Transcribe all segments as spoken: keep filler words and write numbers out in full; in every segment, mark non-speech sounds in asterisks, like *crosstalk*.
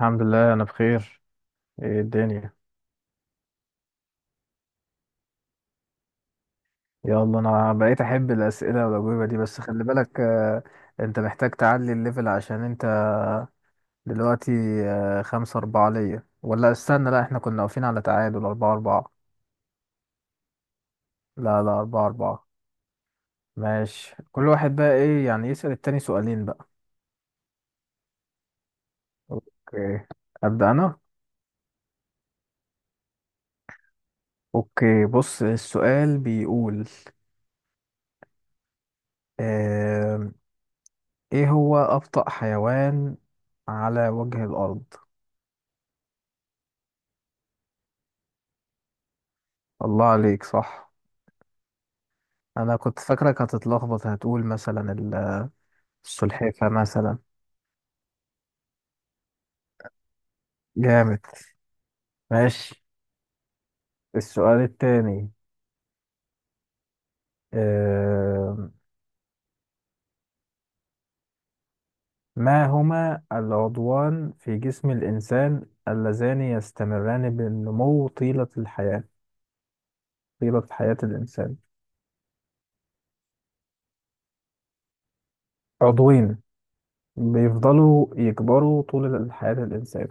الحمد لله، انا بخير. ايه الدنيا؟ يلا انا بقيت احب الاسئله والاجوبه دي، بس خلي بالك. آه، انت محتاج تعلي الليفل عشان انت دلوقتي. آه، خمسة أربعة ليا، ولا استنى؟ لا، احنا كنا واقفين على تعادل أربعة أربعة. لا لا، أربعة أربعة. ماشي، كل واحد بقى ايه يعني، يسأل التاني سؤالين بقى. اوكي، أبدأ أنا. اوكي، بص السؤال بيقول آم، ايه هو أبطأ حيوان على وجه الأرض؟ الله عليك، صح. انا كنت فاكرك هتتلخبط، هتقول مثلا ال- السلحفة مثلا. جامد. ماشي. السؤال التاني، آه، ما هما العضوان في جسم الإنسان اللذان يستمران بالنمو طيلة الحياة، طيلة حياة الإنسان؟ عضوين بيفضلوا يكبروا طول حياة الإنسان.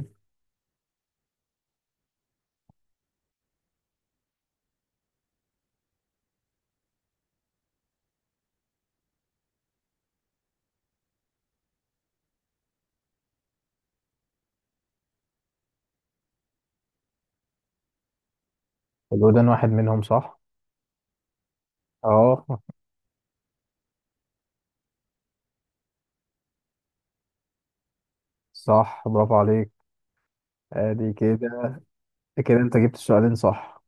الودان واحد منهم صح؟ اه. صح، برافو عليك. ادي كده. كده انت جبت السؤالين، صح؟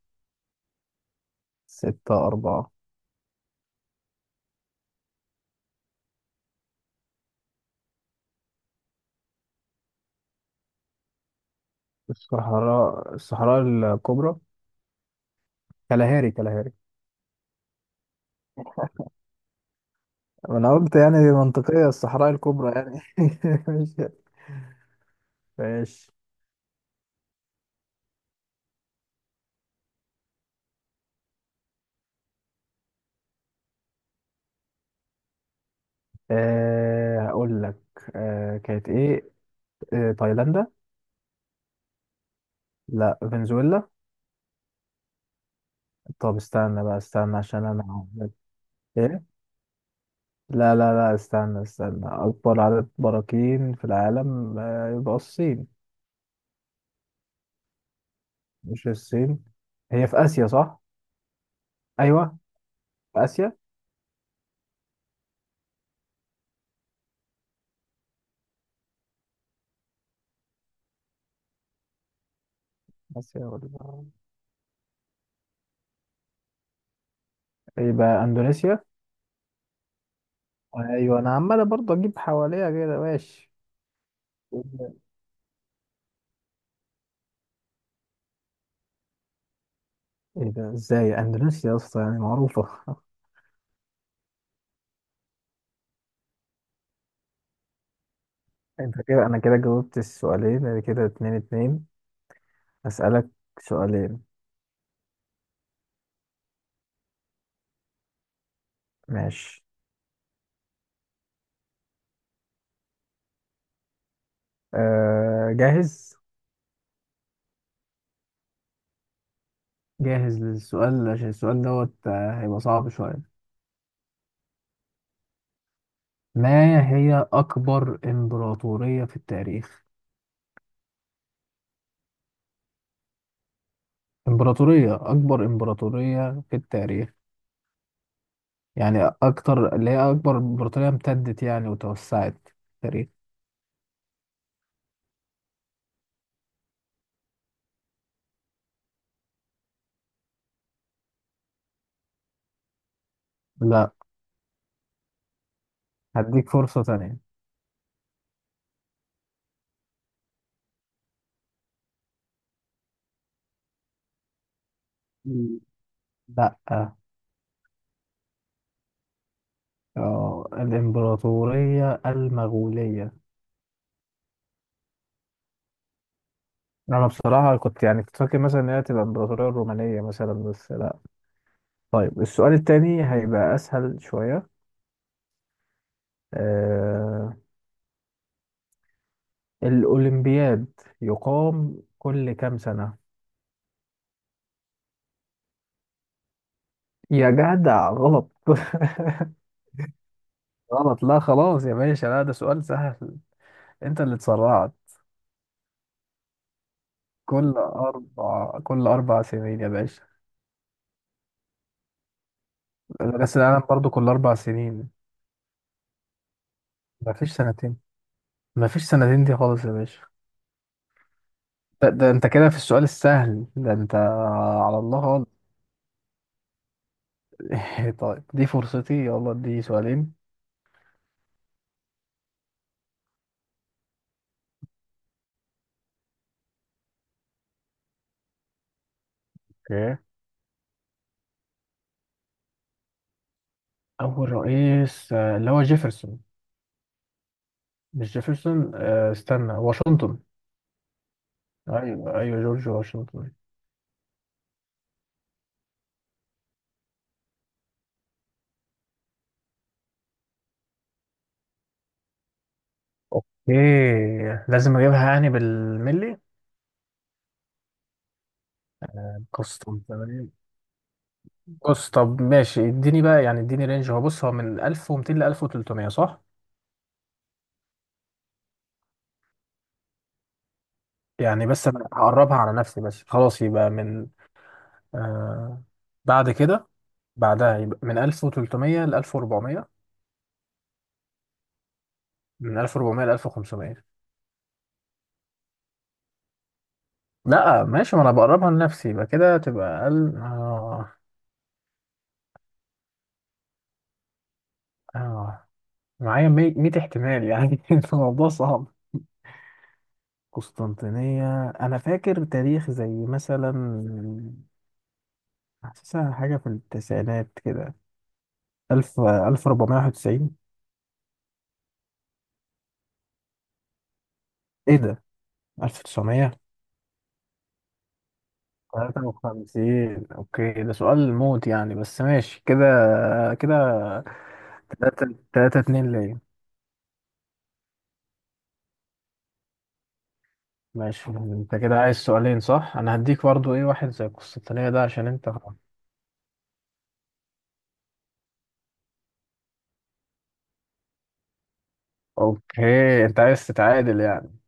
ستة أربعة. الصحراء الصحراء الكبرى. كالهاري كالهاري. انا قلت يعني منطقية، الصحراء الكبرى يعني. *laughs* ماشي ماشي. أه هقول لك. أه كانت ايه؟ أه تايلاندا. لا، فنزويلا. طب استنى بقى، استنى عشان انا عارف. ايه. لا لا لا، استنى استنى، اكبر عدد براكين في العالم أه يبقى الصين. مش الصين. هي في اسيا صح؟ ايوه، في اسيا. اسيا ولا؟ يبقى اندونيسيا. ايوه، انا عمال برضه اجيب حواليها كده. ماشي. ايه ده، ازاي اندونيسيا يا اسطى، يعني معروفة. *laughs* انت كده، انا كده جاوبت السؤالين، أدي كده اتنين اتنين. اسألك سؤالين. ماشي. أه جاهز. جاهز للسؤال، عشان السؤال دوت آه، هيبقى صعب شوية. ما هي أكبر إمبراطورية في التاريخ؟ إمبراطورية أكبر إمبراطورية في التاريخ، يعني أكتر اللي هي أكبر إمبراطورية امتدت يعني وتوسعت في التاريخ. لا، هديك فرصة تانية. مم. لا. اه، الإمبراطورية المغولية. أنا بصراحة كنت يعني كنت فاكر مثلا إن هي تبقى الإمبراطورية الرومانية مثلا، بس لا. طيب السؤال التاني هيبقى أسهل شوية. آه، الأولمبياد يقام كل كام سنة؟ يا جدع غلط. *laughs* غلط، لا خلاص يا باشا، لا ده سؤال سهل، أنت اللي اتسرعت. كل أربع كل أربع سنين يا باشا. بس العالم برضو كل أربع سنين. مفيش سنتين. مفيش سنتين دي خالص يا باشا. ده, ده انت كده في السؤال السهل ده انت على الله خالص. *laughs* طيب دي فرصتي، يلا دي سؤالين. اوكي. اول رئيس، آه، اللي هو جيفرسون. مش جيفرسون، آه، استنى، واشنطن. ايوه ايوه، جورج واشنطن. اوكي. لازم اجيبها يعني بالملي؟ قسطم تمام. بص، طب ماشي، اديني بقى يعني اديني رينج. هو بص، هو من ألف ومئتين ل ألف وتلتمية صح؟ يعني بس انا هقربها على نفسي بس، خلاص يبقى من آه بعد كده. بعدها يبقى من ألف وتلتمية ل ألف وأربعمية. من ألف وأربعمية ل ألف وخمسمية. لا ماشي، ما انا بقربها لنفسي، يبقى كده تبقى اقل. آه آه معايا مية احتمال يعني. *laughs* الموضوع صعب. قسطنطينية انا فاكر تاريخ زي مثلا، حاسسها حاجة في التسعينات كده. ألف ألف وأربعمية وواحد وتسعين. ايه ده، ألف وتسعمية؟ تلاتة وخمسين، اوكي. ده سؤال موت يعني، بس ماشي كده. كده تلاتة تلاتة، اتنين ليا. ماشي، انت كده عايز سؤالين صح، انا هديك برضو ايه واحد زي القسطنطينية ده عشان انت. اوكي انت عايز تتعادل يعني.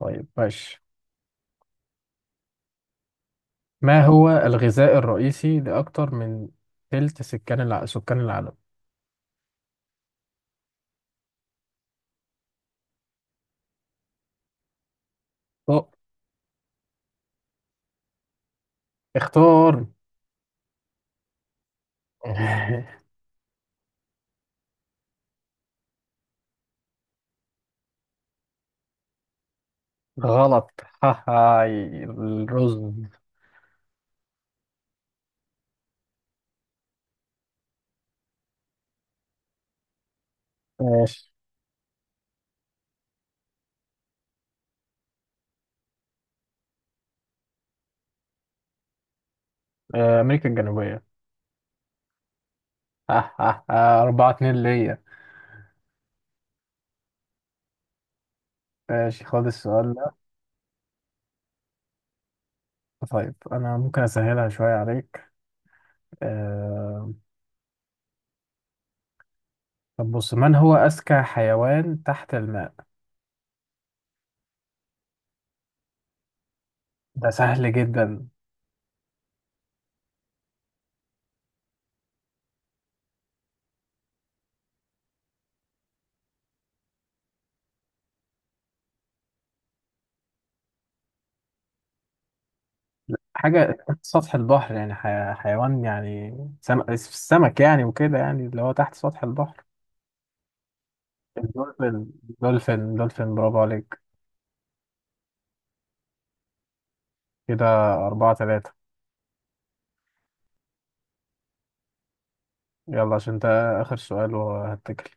طيب ماشي. ما هو الغذاء الرئيسي لأكتر من تلت سكان الع... سكان العالم؟ طب اختار. *laughs* غلط. *laughs* هاي الرز. ماشي. آه، أمريكا الجنوبية. *laughs* أربعة اتنين ليا. ماشي خد السؤال ده. طيب أنا ممكن أسهلها شوية عليك. آه، طب بص، من هو أذكى حيوان تحت الماء؟ ده سهل جدا. حاجة تحت سطح البحر، يعني حي... حيوان يعني، سم... السمك يعني وكده، يعني اللي هو تحت سطح البحر. الدولفين. دولفين دولفين، برافو عليك. كده أربعة تلاتة. يلا عشان ده آخر سؤال وهتكل.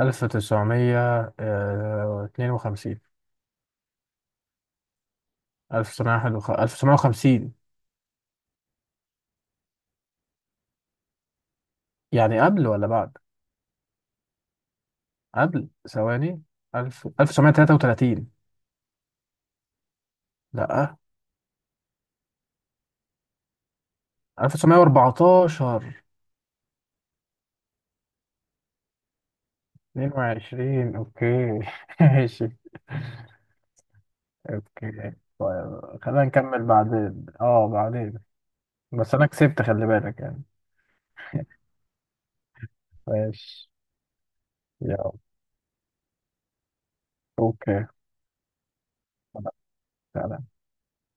ألف تسعمية آه، اتنين وخمسين. ألف تسعمية. ألف تسعمية وخمسين. يعني قبل ولا بعد؟ قبل ثواني. ألف ألف تسعمية تلاتة وتلاتين. لأ. ألف وتسعمية واربعتاشر. اتنين وعشرين، اوكي. *laughs* ماشي. اوكي. طيب خلينا نكمل بعدين، اه بعدين. بس انا كسبت خلي بالك يعني. ماشي. يلا. اوكي. خلاص. تعالى.